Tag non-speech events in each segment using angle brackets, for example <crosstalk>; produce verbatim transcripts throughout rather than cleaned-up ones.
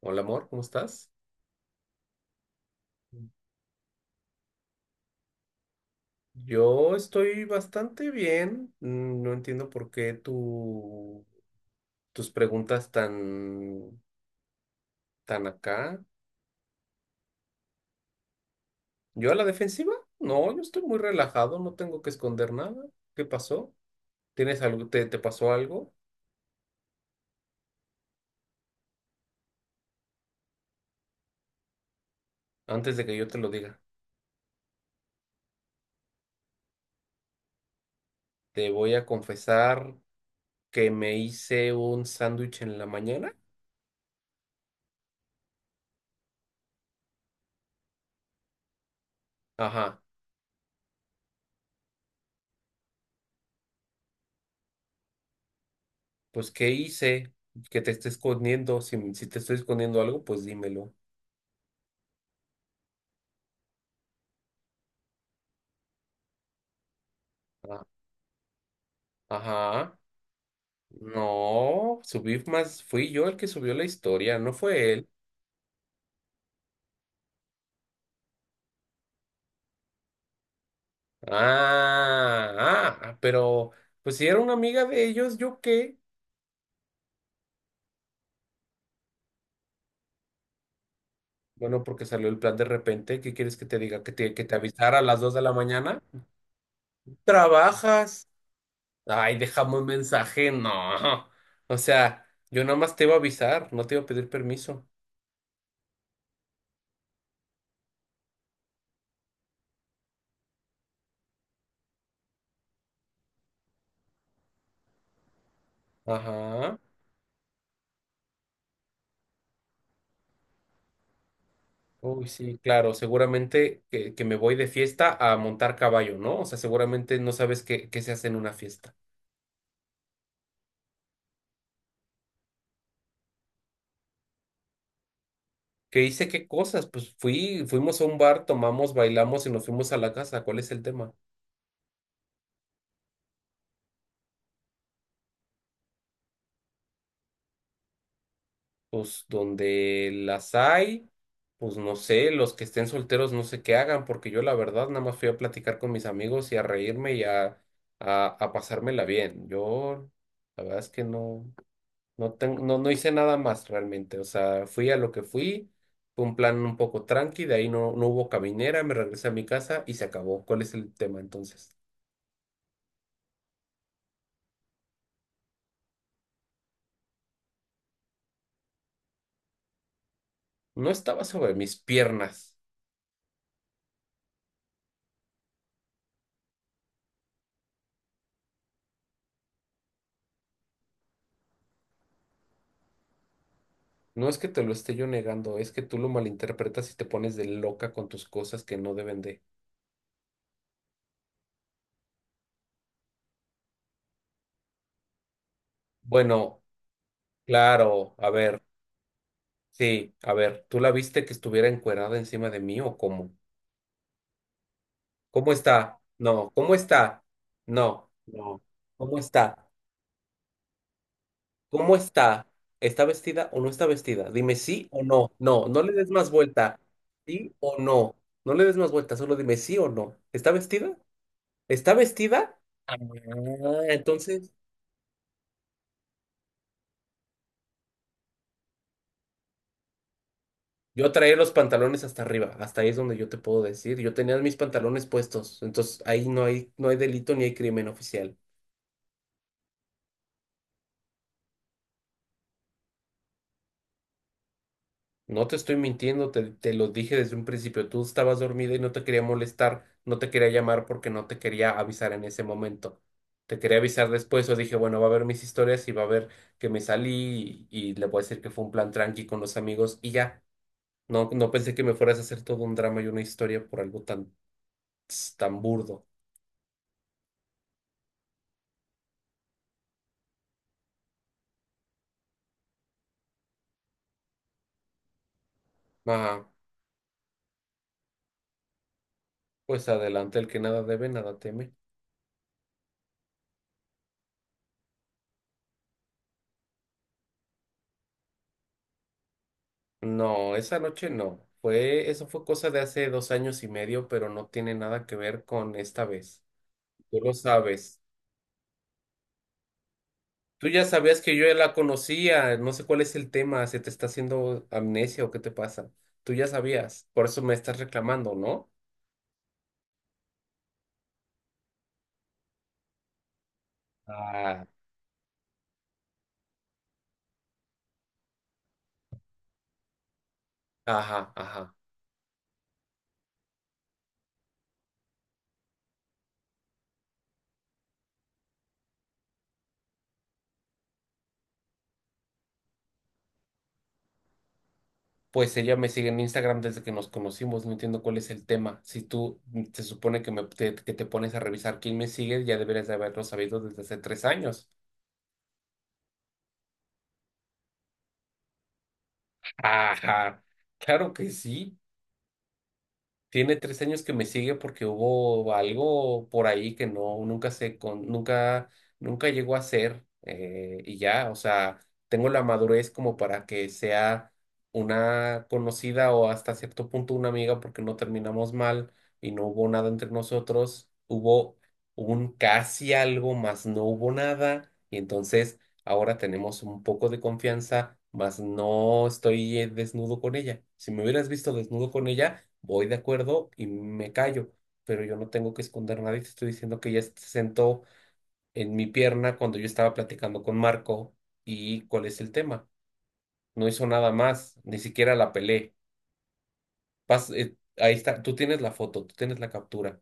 Hola amor, ¿cómo estás? Yo estoy bastante bien. mm, No entiendo por qué tu- tus preguntas tan, tan acá. ¿Yo a la defensiva? No, yo estoy muy relajado, no tengo que esconder nada. ¿Qué pasó? ¿Tienes algo, te, te pasó algo? Antes de que yo te lo diga, te voy a confesar que me hice un sándwich en la mañana. Ajá, pues ¿qué hice? Que te esté escondiendo. Si, si te estoy escondiendo algo, pues dímelo. Ah, ajá. No, subí más, fui yo el que subió la historia, no fue él. Ah, ah, pero pues si era una amiga de ellos, ¿yo qué? Bueno, porque salió el plan de repente, ¿qué quieres que te diga? ¿Que te, que te avisara a las dos de la mañana? ¿Trabajas? Ay, dejamos mensaje, no. O sea, yo nada más te iba a avisar, no te iba a pedir permiso. Ajá. Uy, sí, claro, seguramente que, que me voy de fiesta a montar caballo, ¿no? O sea, seguramente no sabes qué, qué se hace en una fiesta. Que hice qué cosas, pues fui, fuimos a un bar, tomamos, bailamos y nos fuimos a la casa. ¿Cuál es el tema? Pues donde las hay, pues no sé, los que estén solteros no sé qué hagan, porque yo la verdad nada más fui a platicar con mis amigos y a reírme y a, a, a pasármela bien. Yo la verdad es que no, no tengo, no, no hice nada más realmente. O sea, fui a lo que fui. Fue un plan un poco tranqui, de ahí no, no hubo caminera, me regresé a mi casa y se acabó. ¿Cuál es el tema entonces? No estaba sobre mis piernas. No es que te lo esté yo negando, es que tú lo malinterpretas y te pones de loca con tus cosas que no deben de. Bueno, claro, a ver, sí, a ver, ¿tú la viste que estuviera encuerada encima de mí o cómo? ¿Cómo está? No, ¿cómo está? No, no, ¿cómo está? ¿Cómo está? ¿Está vestida o no está vestida? Dime sí o no. No, no le des más vuelta. ¿Sí o no? No le des más vuelta, solo dime sí o no. ¿Está vestida? Está vestida. Ah, entonces yo traía los pantalones hasta arriba. Hasta ahí es donde yo te puedo decir. Yo tenía mis pantalones puestos. Entonces ahí no hay, no hay delito ni hay crimen oficial. No te estoy mintiendo, te, te lo dije desde un principio. Tú estabas dormida y no te quería molestar, no te quería llamar porque no te quería avisar en ese momento. Te quería avisar después o dije, bueno, va a ver mis historias y va a ver que me salí y, y le voy a decir que fue un plan tranqui con los amigos y ya. No, no pensé que me fueras a hacer todo un drama y una historia por algo tan Ts, tan burdo. Ajá. Pues adelante, el que nada debe, nada teme. No, esa noche no. Fue, eso fue cosa de hace dos años y medio, pero no tiene nada que ver con esta vez. Tú lo sabes. Tú ya sabías que yo ya la conocía. No sé cuál es el tema. ¿Se te está haciendo amnesia o qué te pasa? Tú ya sabías. Por eso me estás reclamando, ¿no? Ah, ajá, ajá. Pues ella me sigue en Instagram desde que nos conocimos, no entiendo cuál es el tema. Si tú mm, se supone que, me, te, que te pones a revisar quién me sigue, ya deberías de haberlo sabido desde hace tres años. Ajá, claro que sí. Tiene tres años que me sigue porque hubo algo por ahí que no, nunca se con, nunca, nunca llegó a ser. Eh, y ya, o sea, tengo la madurez como para que sea una conocida o hasta cierto punto una amiga porque no terminamos mal y no hubo nada entre nosotros. Hubo un casi algo, más no hubo nada. Y entonces ahora tenemos un poco de confianza, más no estoy eh, desnudo con ella. Si me hubieras visto desnudo con ella voy de acuerdo y me callo, pero yo no tengo que esconder nada y te estoy diciendo que ella se sentó en mi pierna cuando yo estaba platicando con Marco y cuál es el tema. No hizo nada más, ni siquiera la pelé. Pas- eh, ahí está, tú tienes la foto, tú tienes la captura.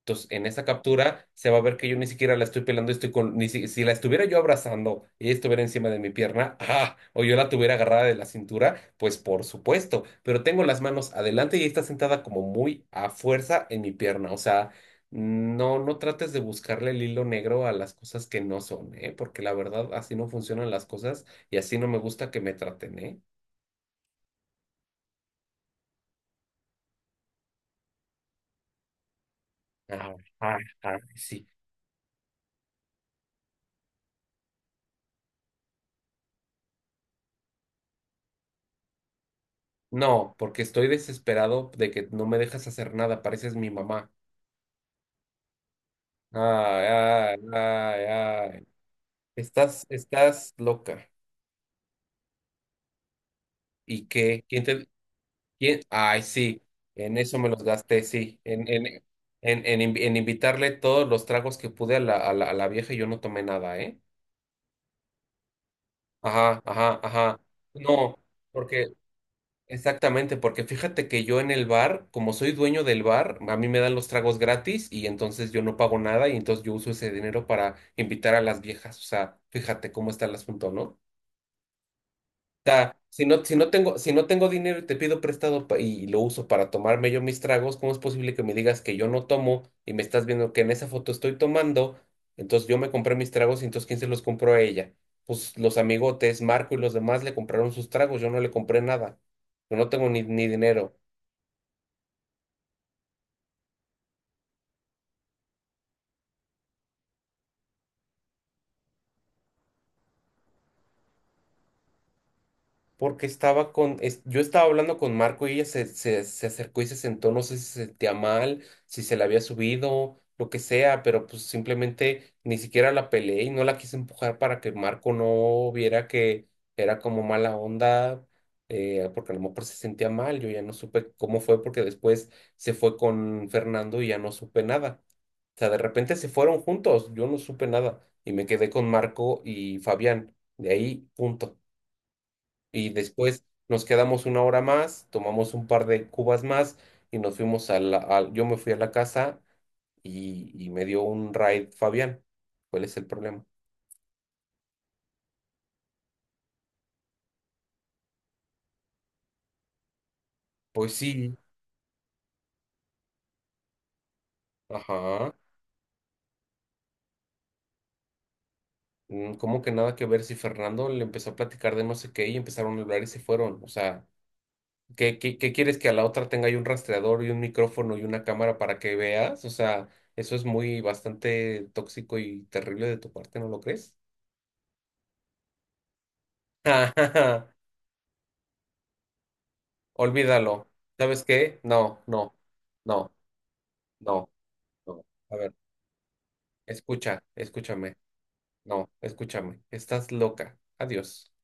Entonces, en esa captura se va a ver que yo ni siquiera la estoy pelando, estoy con, ni si, si la estuviera yo abrazando y ella estuviera encima de mi pierna, ¡ah! O yo la tuviera agarrada de la cintura, pues por supuesto, pero tengo las manos adelante y ella está sentada como muy a fuerza en mi pierna, o sea, no, no trates de buscarle el hilo negro a las cosas que no son, ¿eh? Porque la verdad, así no funcionan las cosas y así no me gusta que me traten, ¿eh? Ah, ah, ah, sí. No, porque estoy desesperado de que no me dejas hacer nada, pareces mi mamá. Ay, ay, ay, ay. Estás, estás loca. ¿Y qué? ¿Quién te, ¿quién? Ay, sí, en eso me los gasté, sí. En, en, en, en, inv- en invitarle todos los tragos que pude a la, a la, a la vieja y yo no tomé nada, ¿eh? Ajá, ajá, ajá. No, porque, exactamente, porque fíjate que yo en el bar, como soy dueño del bar, a mí me dan los tragos gratis y entonces yo no pago nada y entonces yo uso ese dinero para invitar a las viejas. O sea, fíjate cómo está el asunto, ¿no? Sea, si no, si no tengo, si no tengo dinero y te pido prestado pa- y lo uso para tomarme yo mis tragos, ¿cómo es posible que me digas que yo no tomo y me estás viendo que en esa foto estoy tomando? Entonces yo me compré mis tragos y entonces ¿quién se los compró a ella? Pues los amigotes, Marco y los demás le compraron sus tragos, yo no le compré nada. Yo no tengo ni, ni dinero. Porque estaba con, es- yo estaba hablando con Marco y ella se, se, se acercó y se sentó, no sé si se sentía mal, si se la había subido, lo que sea, pero pues simplemente ni siquiera la peleé y no la quise empujar para que Marco no viera que era como mala onda, eh, porque a lo mejor se sentía mal, yo ya no supe cómo fue porque después se fue con Fernando y ya no supe nada. O sea, de repente se fueron juntos, yo no supe nada y me quedé con Marco y Fabián, de ahí punto y después nos quedamos una hora más, tomamos un par de cubas más y nos fuimos a la, al- yo me fui a la casa y, y me dio un ride Fabián. ¿Cuál es el problema? Pues sí, ajá. mm, ¿Cómo que nada que ver si Fernando le empezó a platicar de no sé qué y empezaron a hablar y se fueron? O sea, ¿qué, qué, ¿qué quieres que a la otra tenga ahí un rastreador y un micrófono y una cámara para que veas? O sea, eso es muy bastante tóxico y terrible de tu parte, ¿no lo crees? <laughs> Olvídalo. ¿Sabes qué? No, no, no, no, no. A ver, escucha, escúchame. No, escúchame. Estás loca. Adiós.